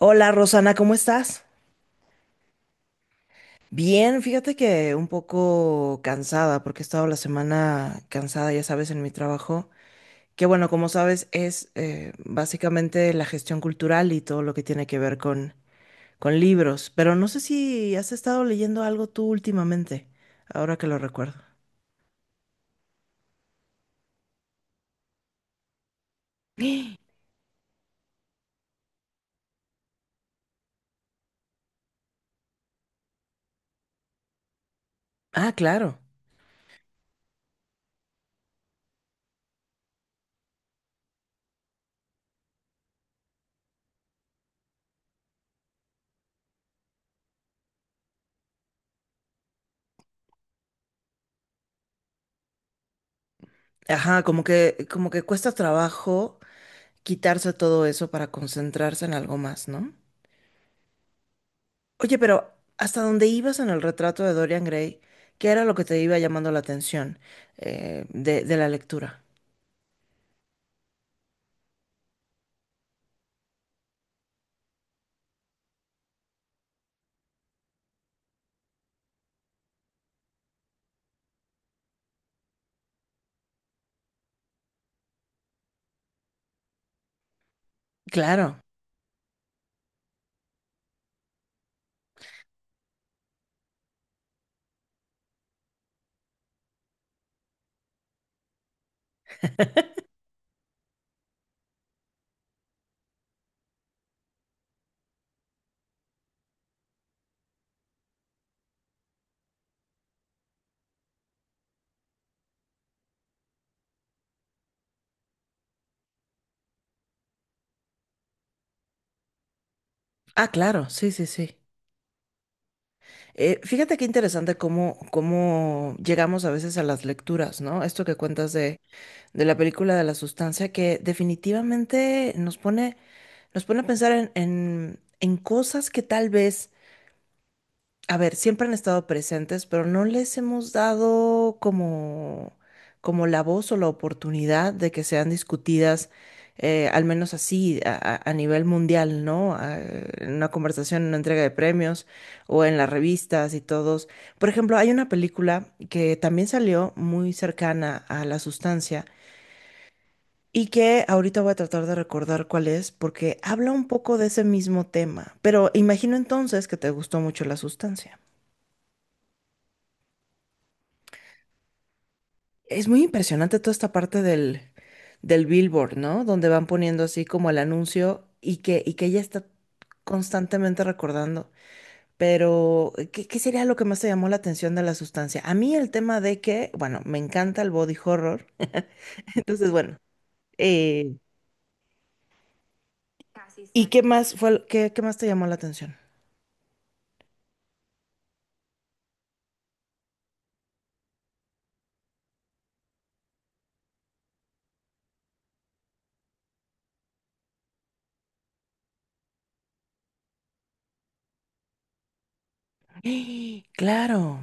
Hola Rosana, ¿cómo estás? Bien, fíjate que un poco cansada porque he estado la semana cansada, ya sabes, en mi trabajo, que bueno, como sabes, es básicamente la gestión cultural y todo lo que tiene que ver con libros, pero no sé si has estado leyendo algo tú últimamente, ahora que lo recuerdo. Ah, claro. Ajá, como que cuesta trabajo quitarse todo eso para concentrarse en algo más, ¿no? Oye, pero hasta donde ibas en el retrato de Dorian Gray, ¿qué era lo que te iba llamando la atención de la lectura? Claro. Ah, claro, sí. Fíjate qué interesante cómo llegamos a veces a las lecturas, ¿no? Esto que cuentas de la película de la sustancia, que definitivamente nos nos pone a pensar en cosas que tal vez a ver, siempre han estado presentes, pero no les hemos dado como la voz o la oportunidad de que sean discutidas, al menos así, a nivel mundial, ¿no? A- en una conversación, en una entrega de premios o en las revistas y todos. Por ejemplo, hay una película que también salió muy cercana a La Sustancia y que ahorita voy a tratar de recordar cuál es, porque habla un poco de ese mismo tema, pero imagino entonces que te gustó mucho La Sustancia. Es muy impresionante toda esta parte del billboard, ¿no? Donde van poniendo así como el anuncio y que ella está constantemente recordando. Pero, ¿qué sería lo que más te llamó la atención de la sustancia? A mí el tema de que, bueno, me encanta el body horror. Entonces, bueno, eh, ¿y qué más fue, qué más te llamó la atención? ¡Ah! Claro,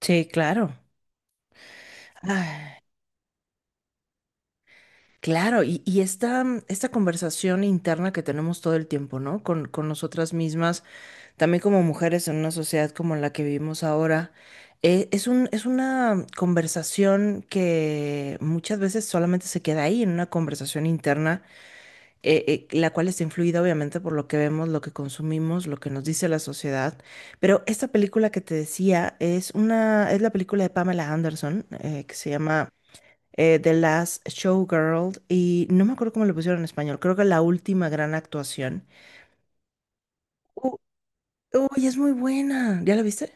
sí, claro. Ah, claro, y esta conversación interna que tenemos todo el tiempo, ¿no? Con nosotras mismas también como mujeres en una sociedad como la que vivimos ahora, es una conversación que muchas veces solamente se queda ahí, en una conversación interna, la cual está influida obviamente por lo que vemos, lo que consumimos, lo que nos dice la sociedad. Pero esta película que te decía es una, es la película de Pamela Anderson, que se llama The Last Showgirl, y no me acuerdo cómo le pusieron en español, creo que la última gran actuación. U- Uy, es muy buena. ¿Ya la viste?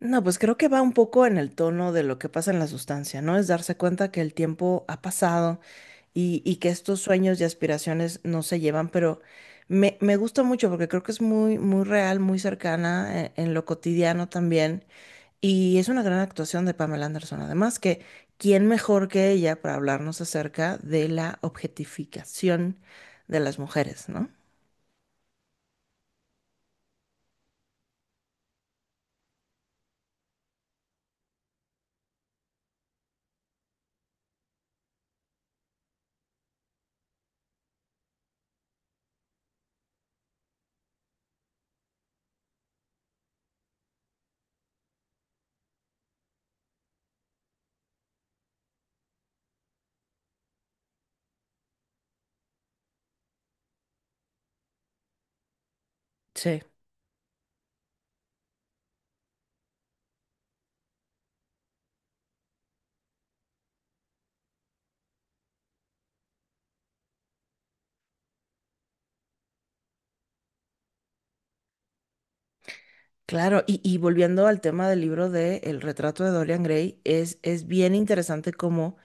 No, pues creo que va un poco en el tono de lo que pasa en la sustancia, ¿no? Es darse cuenta que el tiempo ha pasado y que estos sueños y aspiraciones no se llevan, pero me gusta mucho porque creo que es muy real, muy cercana en lo cotidiano también. Y es una gran actuación de Pamela Anderson. Además, que quién mejor que ella para hablarnos acerca de la objetificación de las mujeres, ¿no? Claro, y volviendo al tema del libro de El retrato de Dorian Gray, es bien interesante cómo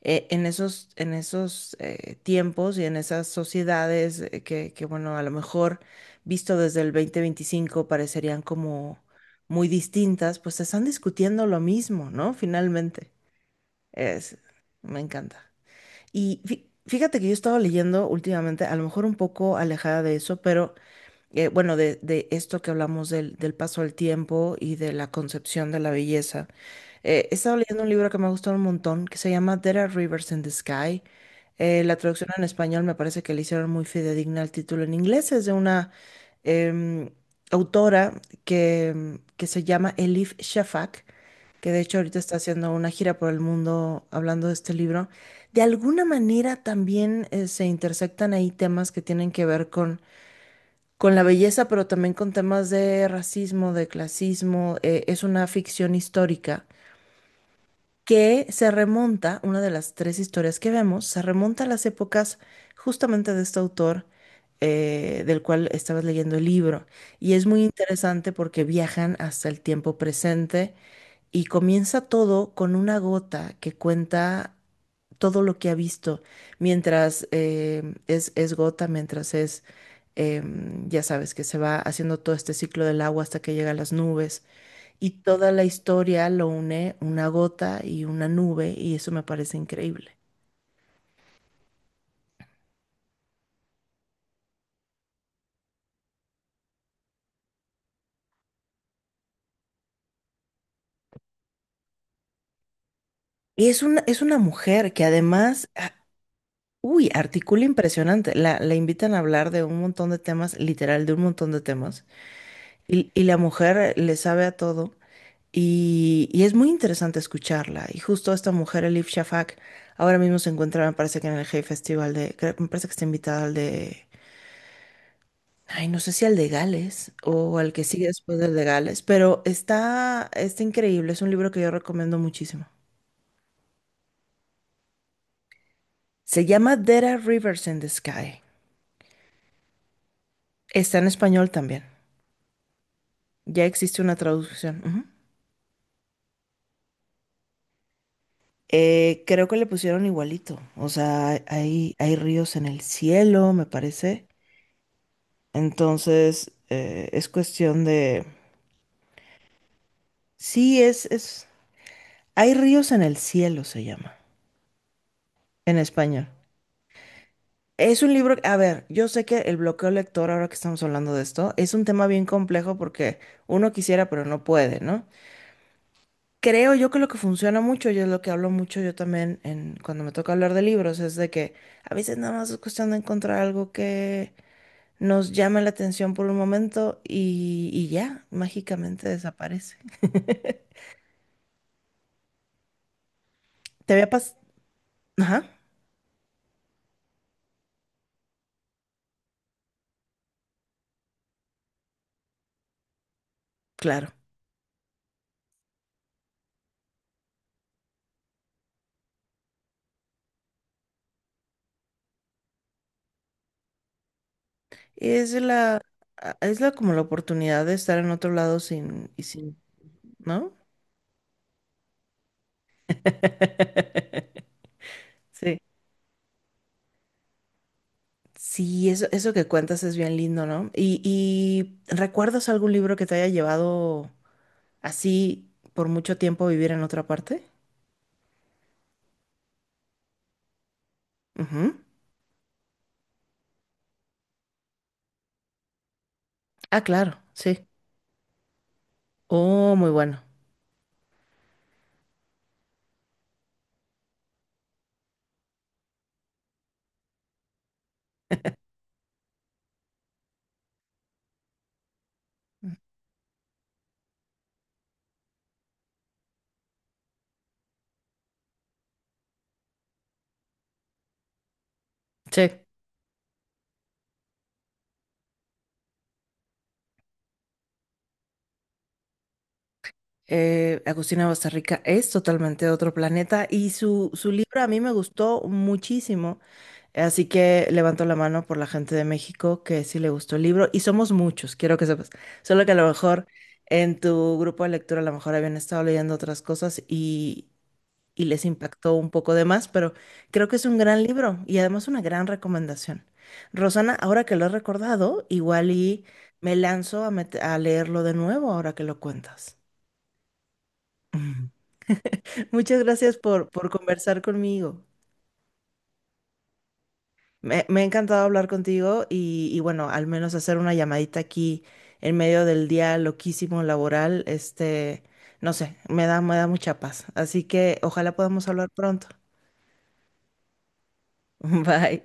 en esos tiempos y en esas sociedades bueno, a lo mejor visto desde el 2025 parecerían como muy distintas, pues están discutiendo lo mismo, ¿no? Finalmente, es, me encanta. Y fíjate que yo estaba leyendo últimamente, a lo mejor un poco alejada de eso, pero bueno, de esto que hablamos del paso del tiempo y de la concepción de la belleza. He estado leyendo un libro que me ha gustado un montón, que se llama There Are Rivers in the Sky. La traducción en español me parece que le hicieron muy fidedigna al título en inglés. Es de una em, autora que se llama Elif Shafak, que de hecho ahorita está haciendo una gira por el mundo hablando de este libro. De alguna manera también se intersectan ahí temas que tienen que ver con la belleza, pero también con temas de racismo, de clasismo. Es una ficción histórica que se remonta, una de las tres historias que vemos, se remonta a las épocas justamente de este autor del cual estabas leyendo el libro. Y es muy interesante porque viajan hasta el tiempo presente y comienza todo con una gota que cuenta todo lo que ha visto, mientras es gota, mientras es ya sabes que se va haciendo todo este ciclo del agua hasta que llega a las nubes y toda la historia lo une una gota y una nube y eso me parece increíble. Y es una mujer que además, ah, uy, articula impresionante. La invitan a hablar de un montón de temas, literal, de un montón de temas. Y la mujer le sabe a todo. Y es muy interesante escucharla. Y justo esta mujer, Elif Shafak, ahora mismo se encuentra, me parece que en el Hey Festival de, creo- me parece que está invitada al de Ay, no sé si al de Gales o al que sigue después del de Gales, pero está increíble. Es un libro que yo recomiendo muchísimo. Se llama There Are Rivers in the Sky. Está en español también. Ya existe una traducción. Ujú. Creo que le pusieron igualito. O sea, hay ríos en el cielo, me parece. Entonces, es cuestión de... Sí, es... Hay ríos en el cielo, se llama, en español. Es un libro, a ver, yo sé que el bloqueo lector, ahora que estamos hablando de esto, es un tema bien complejo porque uno quisiera, pero no puede, ¿no? Creo yo que lo que funciona mucho, y es lo que hablo mucho yo también en, cuando me toca hablar de libros, es de que a veces nada más es cuestión de encontrar algo que nos llame la atención por un momento y ya, mágicamente desaparece. ¿Te había pasado? Ajá, claro. Es la, es la como la oportunidad de estar en otro lado sin, ¿no? Sí. Sí, eso que cuentas es bien lindo, ¿no? Y ¿recuerdas algún libro que te haya llevado así por mucho tiempo a vivir en otra parte? Ujú. Ah, claro, sí. Oh, muy bueno. Sí. Agustina Bastarrica es totalmente otro planeta y su libro a mí me gustó muchísimo. Así que levanto la mano por la gente de México que sí le gustó el libro y somos muchos, quiero que sepas. Solo que a lo mejor en tu grupo de lectura a lo mejor habían estado leyendo otras cosas y les impactó un poco de más, pero creo que es un gran libro y además una gran recomendación. Rosana, ahora que lo he recordado, igual y me lanzo a leerlo de nuevo ahora que lo cuentas. Muchas gracias por conversar conmigo. Me ha encantado hablar contigo y bueno, al menos hacer una llamadita aquí en medio del día loquísimo laboral, este, no sé, me da mucha paz. Así que ojalá podamos hablar pronto. Bye.